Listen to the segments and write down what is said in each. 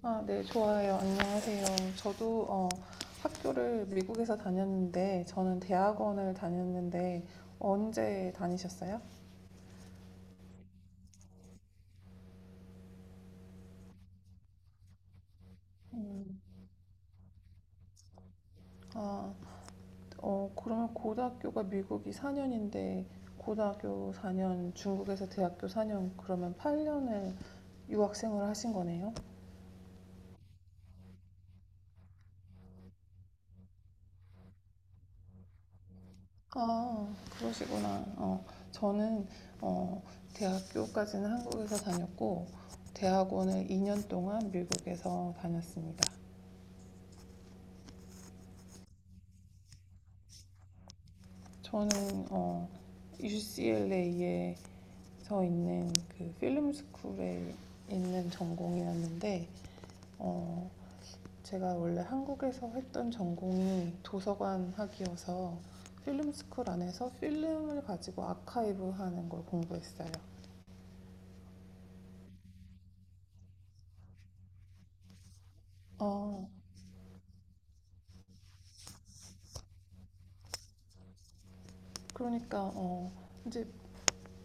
아, 네, 좋아요. 안녕하세요. 저도 학교를 미국에서 다녔는데, 저는 대학원을 다녔는데, 언제 다니셨어요? 음, 아, 그러면 고등학교가 미국이 4년인데, 고등학교 4년, 중국에서 대학교 4년, 그러면 8년을 유학생을 하신 거네요? 아, 그러시구나. 저는 어, 대학교까지는 한국에서 다녔고, 대학원을 2년 동안 미국에서 다녔습니다. 저는 어, UCLA에서 있는 그 필름 스쿨에 있는 전공이었는데 어, 제가 원래 한국에서 했던 전공이 도서관학이어서 필름 스쿨 안에서 필름을 가지고 아카이브 하는 걸 공부했어요. 어, 그러니까 이제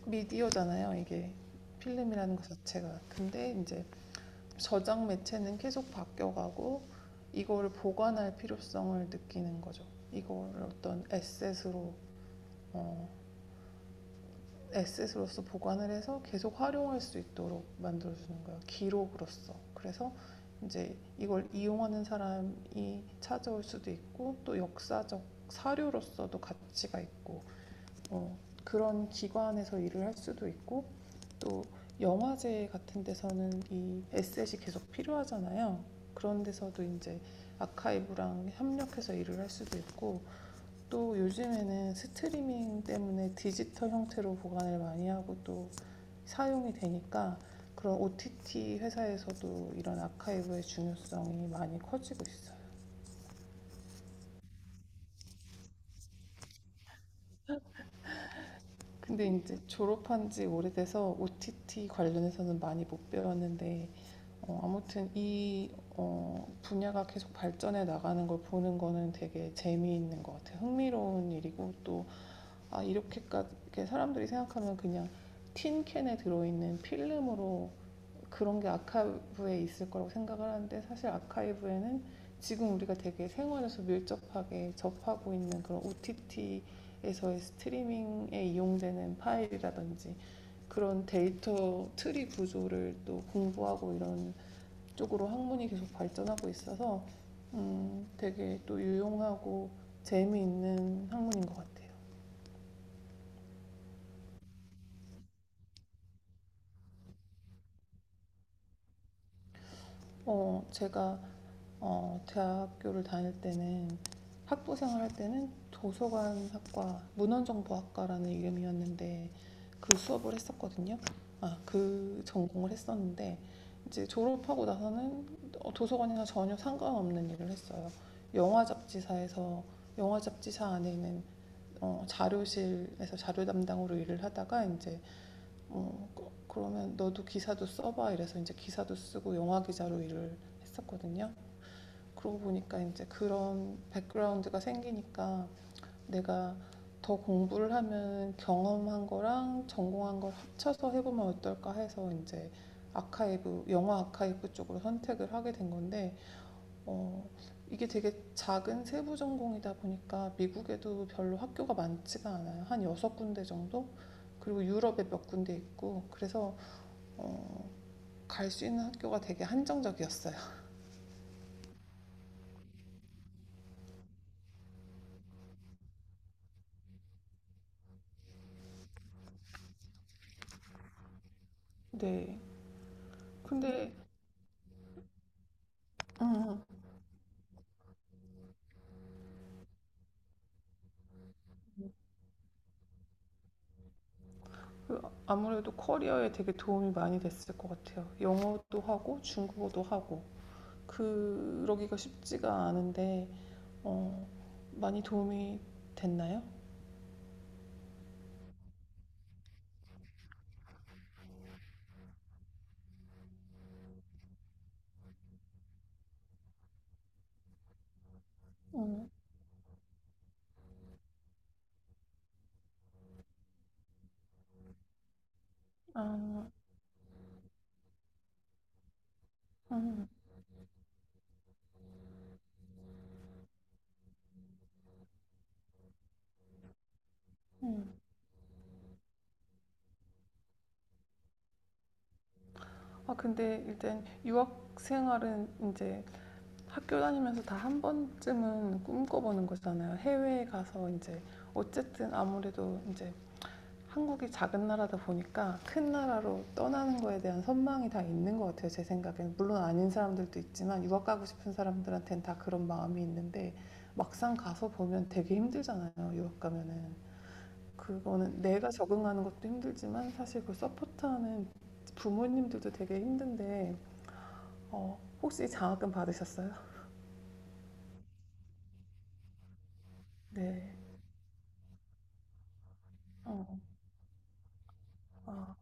미디어잖아요. 이게 필름이라는 것 자체가. 근데 이제 저장 매체는 계속 바뀌어가고 이거를 보관할 필요성을 느끼는 거죠. 이거를 어떤 에셋으로 어, 에셋으로서 보관을 해서 계속 활용할 수 있도록 만들어주는 거예요. 기록으로서. 그래서 이제 이걸 이용하는 사람이 찾아올 수도 있고 또 역사적 사료로서도 가치가 있고 어, 그런 기관에서 일을 할 수도 있고 또 영화제 같은 데서는 이 에셋이 계속 필요하잖아요. 그런 데서도 이제 아카이브랑 협력해서 일을 할 수도 있고 또 요즘에는 스트리밍 때문에 디지털 형태로 보관을 많이 하고 또 사용이 되니까 그런 OTT 회사에서도 이런 아카이브의 중요성이 많이 커지고 있어요. 근데 이제 졸업한 지 오래돼서 OTT 관련해서는 많이 못 배웠는데 아무튼 이 분야가 계속 발전해 나가는 걸 보는 거는 되게 재미있는 것 같아요. 흥미로운 일이고 또 아, 이렇게까지 이렇게 사람들이 생각하면 그냥 틴캔에 들어있는 필름으로 그런 게 아카이브에 있을 거라고 생각을 하는데 사실 아카이브에는 지금 우리가 되게 생활에서 밀접하게 접하고 있는 그런 OTT에서의 스트리밍에 이용되는 파일이라든지 그런 데이터 트리 구조를 또 공부하고 이런 쪽으로 학문이 계속 발전하고 있어서 되게 또 유용하고 재미있는 학문인 것 같아요. 제가 대학교를 다닐 때는 학부 생활할 때는 도서관학과 문헌정보학과라는 이름이었는데 그 수업을 했었거든요. 아, 그 전공을 했었는데 이제 졸업하고 나서는 도서관이나 전혀 상관없는 일을 했어요. 영화 잡지사에서 영화 잡지사 안에 있는 자료실에서 자료 담당으로 일을 하다가 이제 그러면 너도 기사도 써봐 이래서 이제 기사도 쓰고 영화 기자로 일을 했었거든요. 그러고 보니까 이제 그런 백그라운드가 생기니까 내가 더 공부를 하면 경험한 거랑 전공한 걸 합쳐서 해보면 어떨까 해서 이제 아카이브, 영화 아카이브 쪽으로 선택을 하게 된 건데, 어, 이게 되게 작은 세부 전공이다 보니까 미국에도 별로 학교가 많지가 않아요. 한 여섯 군데 정도? 그리고 유럽에 몇 군데 있고, 그래서 어, 갈 수 있는 학교가 되게 한정적이었어요. 네. 근데, 음, 음. 그 아무래도 커리어에 되게 도움이 많이 됐을 것 같아요. 영어도 하고 중국어도 하고 그러기가 쉽지가 않은데 어, 많이 도움이 됐나요? 음, 아, 음, 음. 아, 근데 일단 유학 생활은 이제 학교 다니면서 다 한 번쯤은 꿈꿔보는 거잖아요. 해외에 가서 이제 어쨌든 아무래도 이제 한국이 작은 나라다 보니까 큰 나라로 떠나는 거에 대한 선망이 다 있는 것 같아요. 제 생각에는 물론 아닌 사람들도 있지만 유학 가고 싶은 사람들한테는 다 그런 마음이 있는데 막상 가서 보면 되게 힘들잖아요. 유학 가면은 그거는 내가 적응하는 것도 힘들지만 사실 그 서포트하는 부모님들도 되게 힘든데 혹시 장학금 받으셨어요? 네. 어. 아,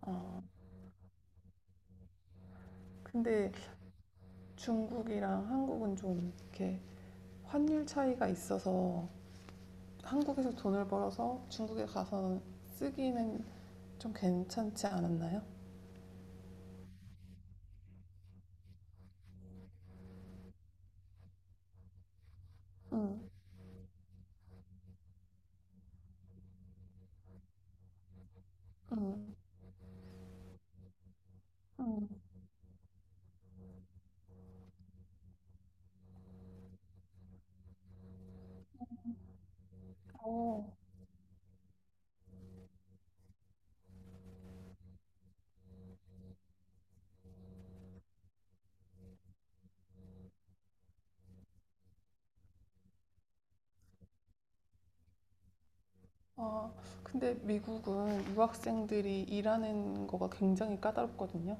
아. 근데 중국이랑 한국은 좀 이렇게 환율 차이가 있어서 한국에서 돈을 벌어서 중국에 가서 쓰기는 좀 괜찮지 않았나요? 음, 음, 음. 어, 아, 근데 미국은 유학생들이 일하는 거가 굉장히 까다롭거든요.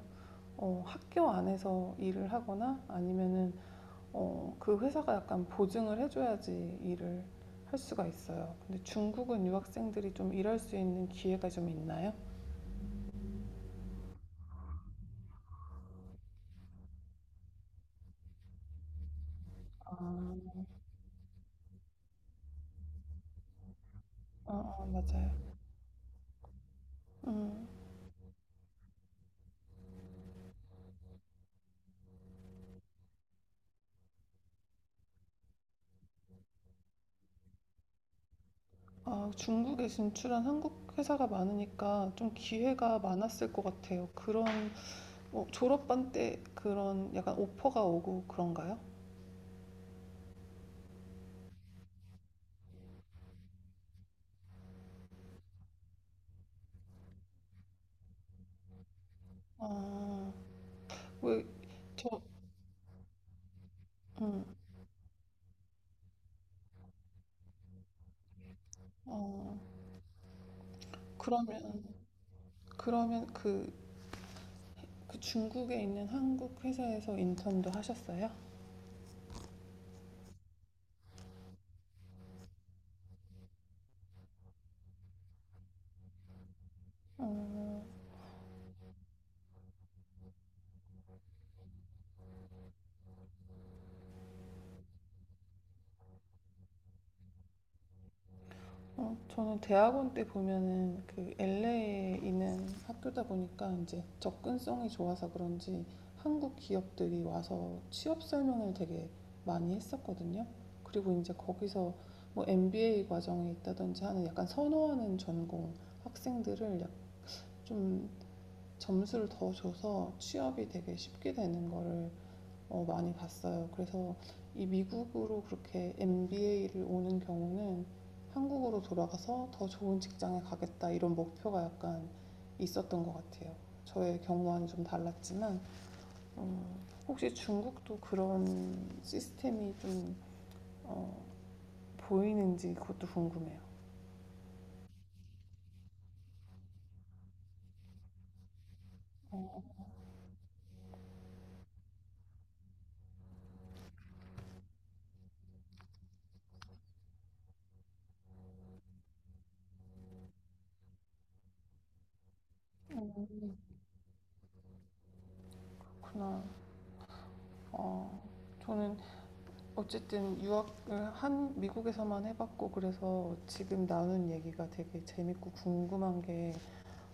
학교 안에서 일을 하거나 아니면은 그 회사가 약간 보증을 해줘야지 일을 할 수가 있어요. 근데 중국은 유학생들이 좀 일할 수 있는 기회가 좀 있나요? 아, 아, 아, 맞아요. 음. 아, 중국에 진출한 한국 회사가 많으니까 좀 기회가 많았을 것 같아요. 그런 뭐 졸업반 때 그런 약간 오퍼가 오고 그런가요? 아, 왜 저, 음, 어, 그러면 그러면 그, 그 중국에 있는 한국 회사에서 인턴도 하셨어요? 어, 저는 대학원 때 보면은 그 LA에 있는 학교다 보니까 이제 접근성이 좋아서 그런지 한국 기업들이 와서 취업 설명을 되게 많이 했었거든요. 그리고 이제 거기서 뭐 MBA 과정이 있다든지 하는 약간 선호하는 전공 학생들을 좀 점수를 더 줘서 취업이 되게 쉽게 되는 거를 많이 봤어요. 그래서 이 미국으로 그렇게 MBA를 오는 경우는 한국으로 돌아가서 더 좋은 직장에 가겠다 이런 목표가 약간 있었던 것 같아요. 저의 경우와는 좀 달랐지만 혹시 중국도 그런 시스템이 좀 어, 보이는지 그것도 궁금해요. 음, 그렇구나. 어, 저는 어쨌든 유학을 한 미국에서만 해봤고 그래서 지금 나눈 얘기가 되게 재밌고 궁금한 게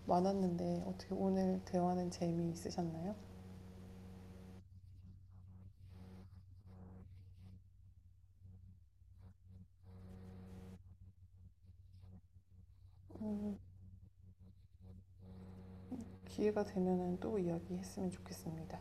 많았는데 어떻게 오늘 대화는 재미있으셨나요? 음, 기회가 되면 또 이야기했으면 좋겠습니다.